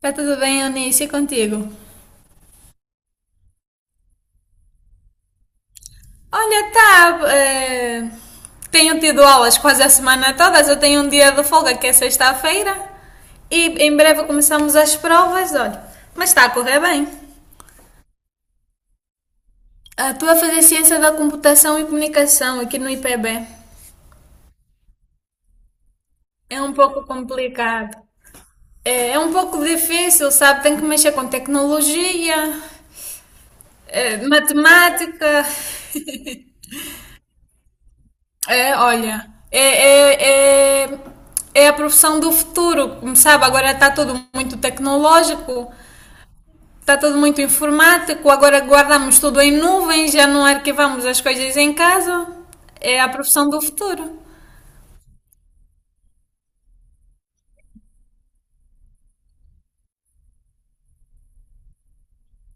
Tá tudo bem, Eunice, e contigo? Olha, tá. Tenho tido aulas quase a semana toda, eu tenho um dia de folga que é sexta-feira e em breve começamos as provas, olha. Mas está a correr bem. Ah, estou a fazer ciência da computação e comunicação aqui no IPB. É um pouco complicado. É, é um pouco difícil, sabe? Tem que mexer com tecnologia, matemática. É, olha, é a profissão do futuro, sabe? Agora está tudo muito tecnológico, está tudo muito informático, agora guardamos tudo em nuvens, já não arquivamos as coisas em casa. É a profissão do futuro.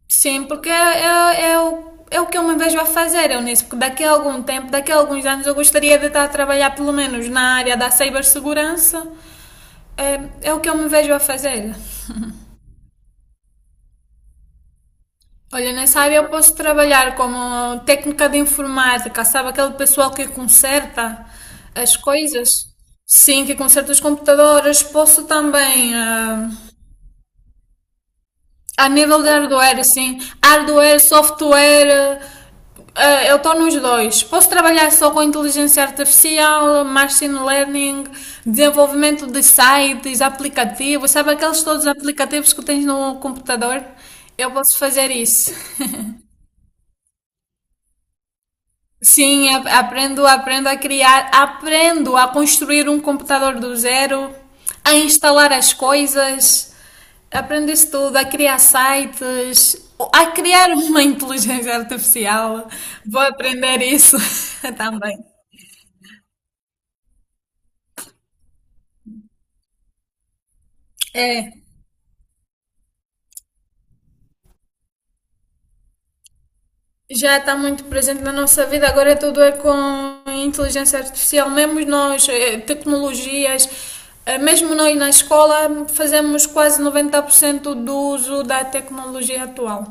Sim, porque é o que eu me vejo a fazer, eu nisso, porque daqui a algum tempo, daqui a alguns anos, eu gostaria de estar a trabalhar pelo menos na área da cibersegurança. É, é o que eu me vejo a fazer. Olha, nessa área eu posso trabalhar como técnica de informática, sabe? Aquele pessoal que conserta as coisas. Sim, que conserta os computadores. Posso também, a nível de hardware, sim. Hardware, software, eu estou nos dois. Posso trabalhar só com inteligência artificial, machine learning, desenvolvimento de sites, aplicativos, sabe? Aqueles todos os aplicativos que tens no computador. Eu posso fazer isso. Sim, aprendo, aprendo a criar, aprendo a construir um computador do zero, a instalar as coisas, aprendo isso tudo, a criar sites, a criar uma inteligência artificial. Vou aprender isso também. É. Já está muito presente na nossa vida, agora é tudo é com inteligência artificial, mesmo nós, tecnologias, mesmo nós na escola fazemos quase 90% do uso da tecnologia atual.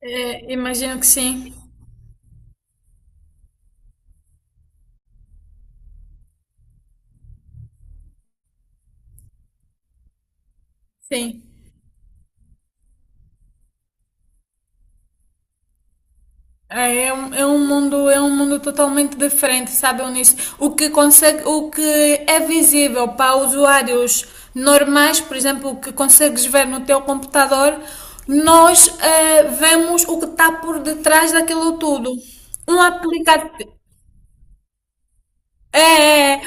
Imagino que sim, sim. É, é um mundo totalmente diferente, sabe, Eunice? O que consegue, o que é visível para usuários normais, por exemplo, o que consegues ver no teu computador, nós vemos o que está por detrás daquilo tudo. Um aplicativo. É,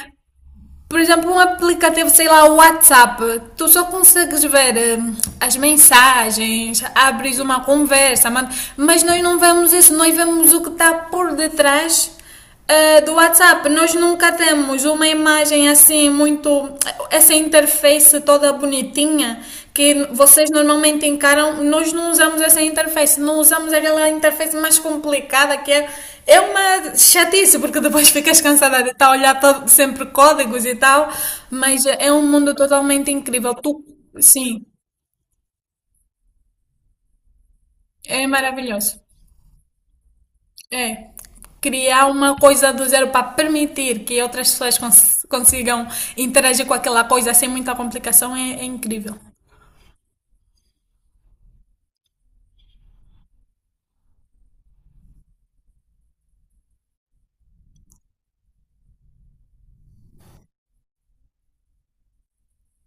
por exemplo, um aplicativo, sei lá, o WhatsApp, tu só consegues ver as mensagens, abres uma conversa, mas nós não vemos isso, nós vemos o que está por detrás do WhatsApp. Nós nunca temos uma imagem assim, muito. Essa interface toda bonitinha que vocês normalmente encaram. Nós não usamos essa interface, não usamos aquela interface mais complicada que é uma chatice, porque depois ficas cansada de estar a olhar para sempre códigos e tal, mas é um mundo totalmente incrível. Tu, sim, é maravilhoso. É. Criar uma coisa do zero para permitir que outras pessoas consigam interagir com aquela coisa sem muita complicação é incrível.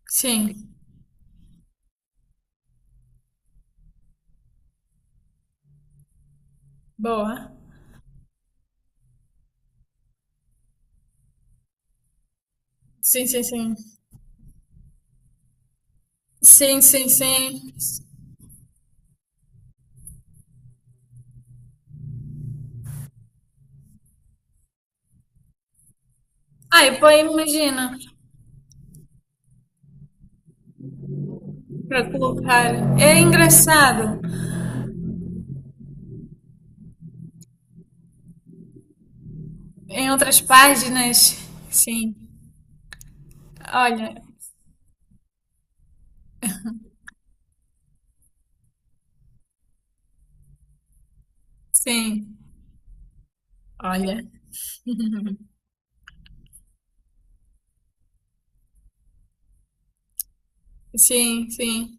Sim, boa. Sim, sim, sim. Sim, sim, sim. Ai, pô, imagina para colocar. É engraçado. Em outras páginas, sim. Olha, sim, olha, sim, sim.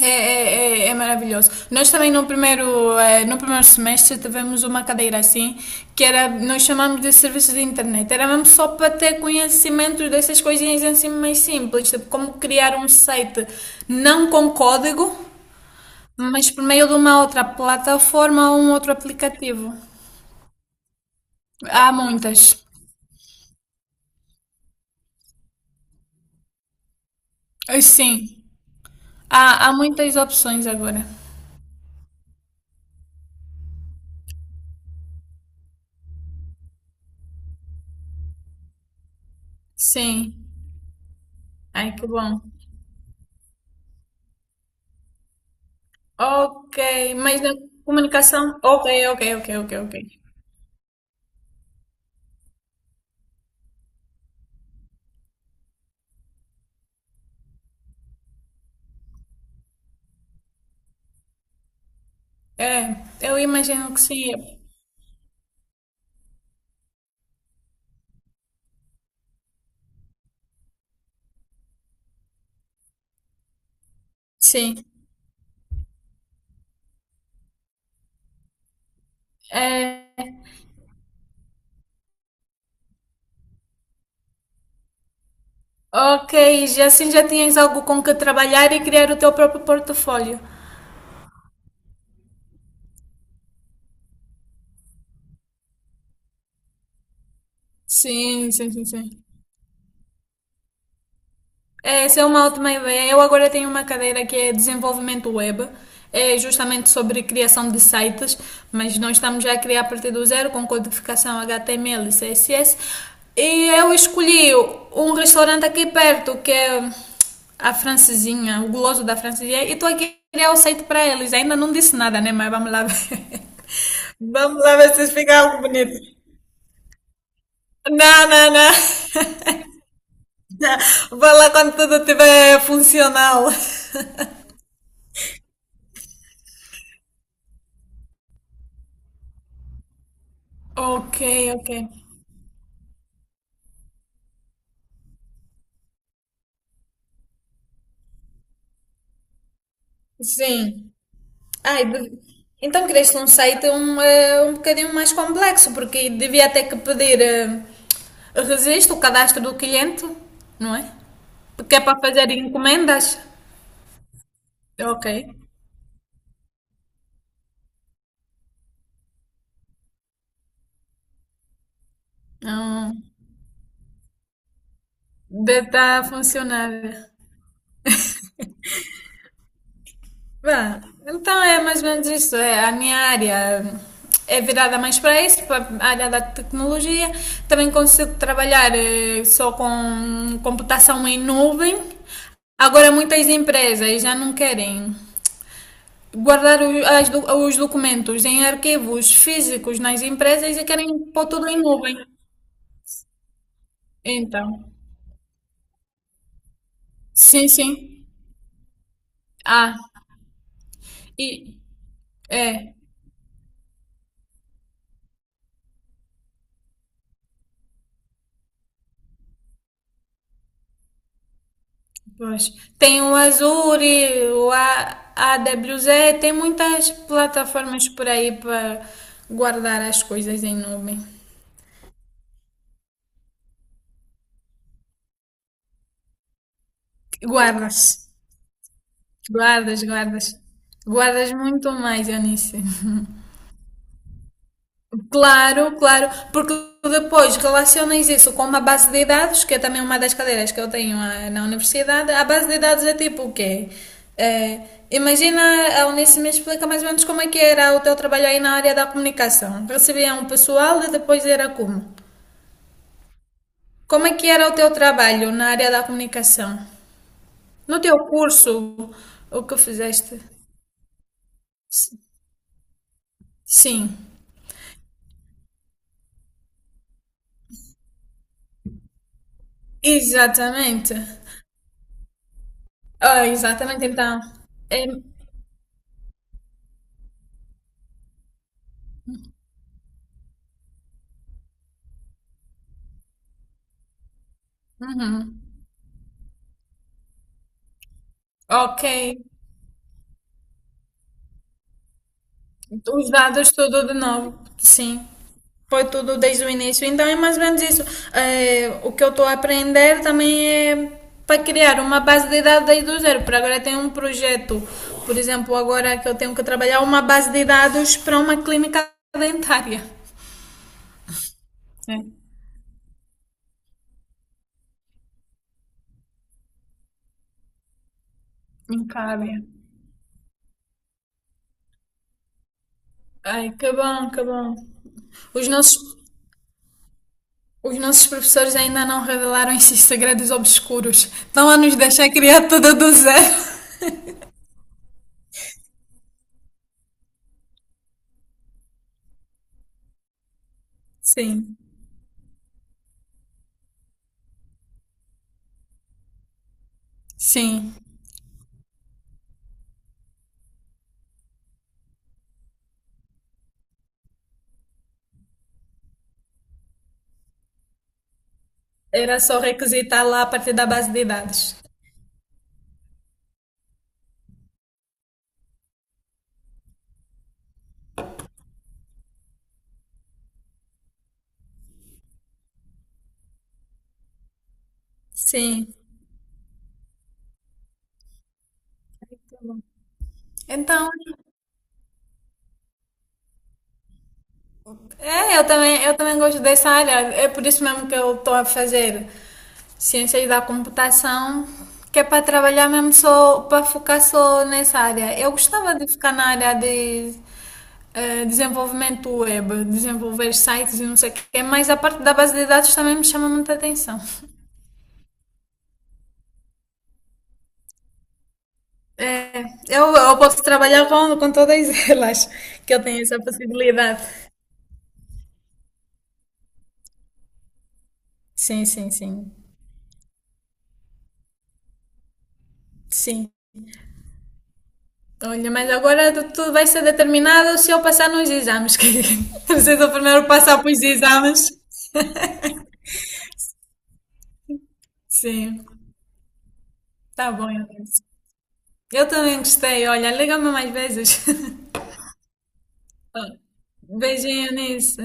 É maravilhoso. Nós também no primeiro, no primeiro semestre tivemos uma cadeira assim, que era, nós chamamos de serviços de internet. Era mesmo só para ter conhecimento dessas coisinhas assim mais simples, tipo como criar um site não com código, mas por meio de uma outra plataforma ou um outro aplicativo. Há muitas. Sim, há muitas opções agora. Sim. Ai, que bom. Ok, mas na comunicação. Ok, ok, ok, ok, ok. É, eu imagino que sim. Sim. É, ok, já assim já tinhas algo com que trabalhar e criar o teu próprio portfólio. Sim, sim, sim, sim. É, essa é uma ótima ideia. Eu agora tenho uma cadeira que é desenvolvimento web. É justamente sobre criação de sites, mas nós estamos já a criar a partir do zero com codificação HTML e CSS. E eu escolhi um restaurante aqui perto, que é a Francesinha, o guloso da Francesinha, e estou aqui a criar o site para eles. Ainda não disse nada, né? Mas vamos lá ver. Vamos lá ver se fica algo bonito. Não, não, não. Vai lá quando tudo estiver funcional. Ok, ok. Sim. Ai, então quereste um site um bocadinho mais complexo, porque devia ter que pedir registro, o cadastro do cliente, não é? Porque é para fazer encomendas. Ok. Não, deve estar a funcionar. Bem, então é mais ou menos isso. É, a minha área é virada mais para isso, para a área da tecnologia. Também consigo trabalhar só com computação em nuvem. Agora muitas empresas já não querem guardar os documentos em arquivos físicos nas empresas e querem pôr tudo em nuvem. Então, sim, sim. Ah, e é. Pois. Tem o Azuri, o AWZ, tem muitas plataformas por aí para guardar as coisas em nuvem. Guardas, guardas, guardas. Guardas muito mais, Eunice. Claro, claro, porque depois relacionas isso com uma base de dados, que é também uma das cadeiras que eu tenho na universidade. A base de dados é tipo o quê? Eh, Imagina, a Unice me explica mais ou menos como é que era o teu trabalho aí na área da comunicação. Recebia um pessoal e depois era como? Como é que era o teu trabalho na área da comunicação? No teu curso, o que fizeste? Sim, exatamente. Ah, exatamente, então. Em- ok. Então, os dados tudo de novo, sim. Foi tudo desde o início. Então é mais ou menos isso. O que eu estou a aprender também é para criar uma base de dados desde o zero. Por agora tem um projeto, por exemplo, agora que eu tenho que trabalhar uma base de dados para uma clínica dentária. É, em Cábia. Ai, que bom, que bom. Os nossos, os nossos professores ainda não revelaram esses segredos obscuros. Estão a nos deixar criar tudo do zero. Sim, sim. Era só requisitar lá a partir da base de dados. Sim. Então, é, eu também gosto dessa área. É por isso mesmo que eu estou a fazer ciências da computação, que é para trabalhar mesmo só, para focar só nessa área. Eu gostava de ficar na área de desenvolvimento web, desenvolver sites e não sei o quê, mas a parte da base de dados também me chama muita atenção. É, eu posso trabalhar com todas elas, que eu tenho essa possibilidade. Sim, sim, sim. Sim. Olha, mas agora tudo vai ser determinado se eu passar nos exames. Que preciso primeiro passar para os exames. Sim. Tá bom, Eunice. Eu também gostei. Olha, liga-me mais vezes. Beijinho, Eunice.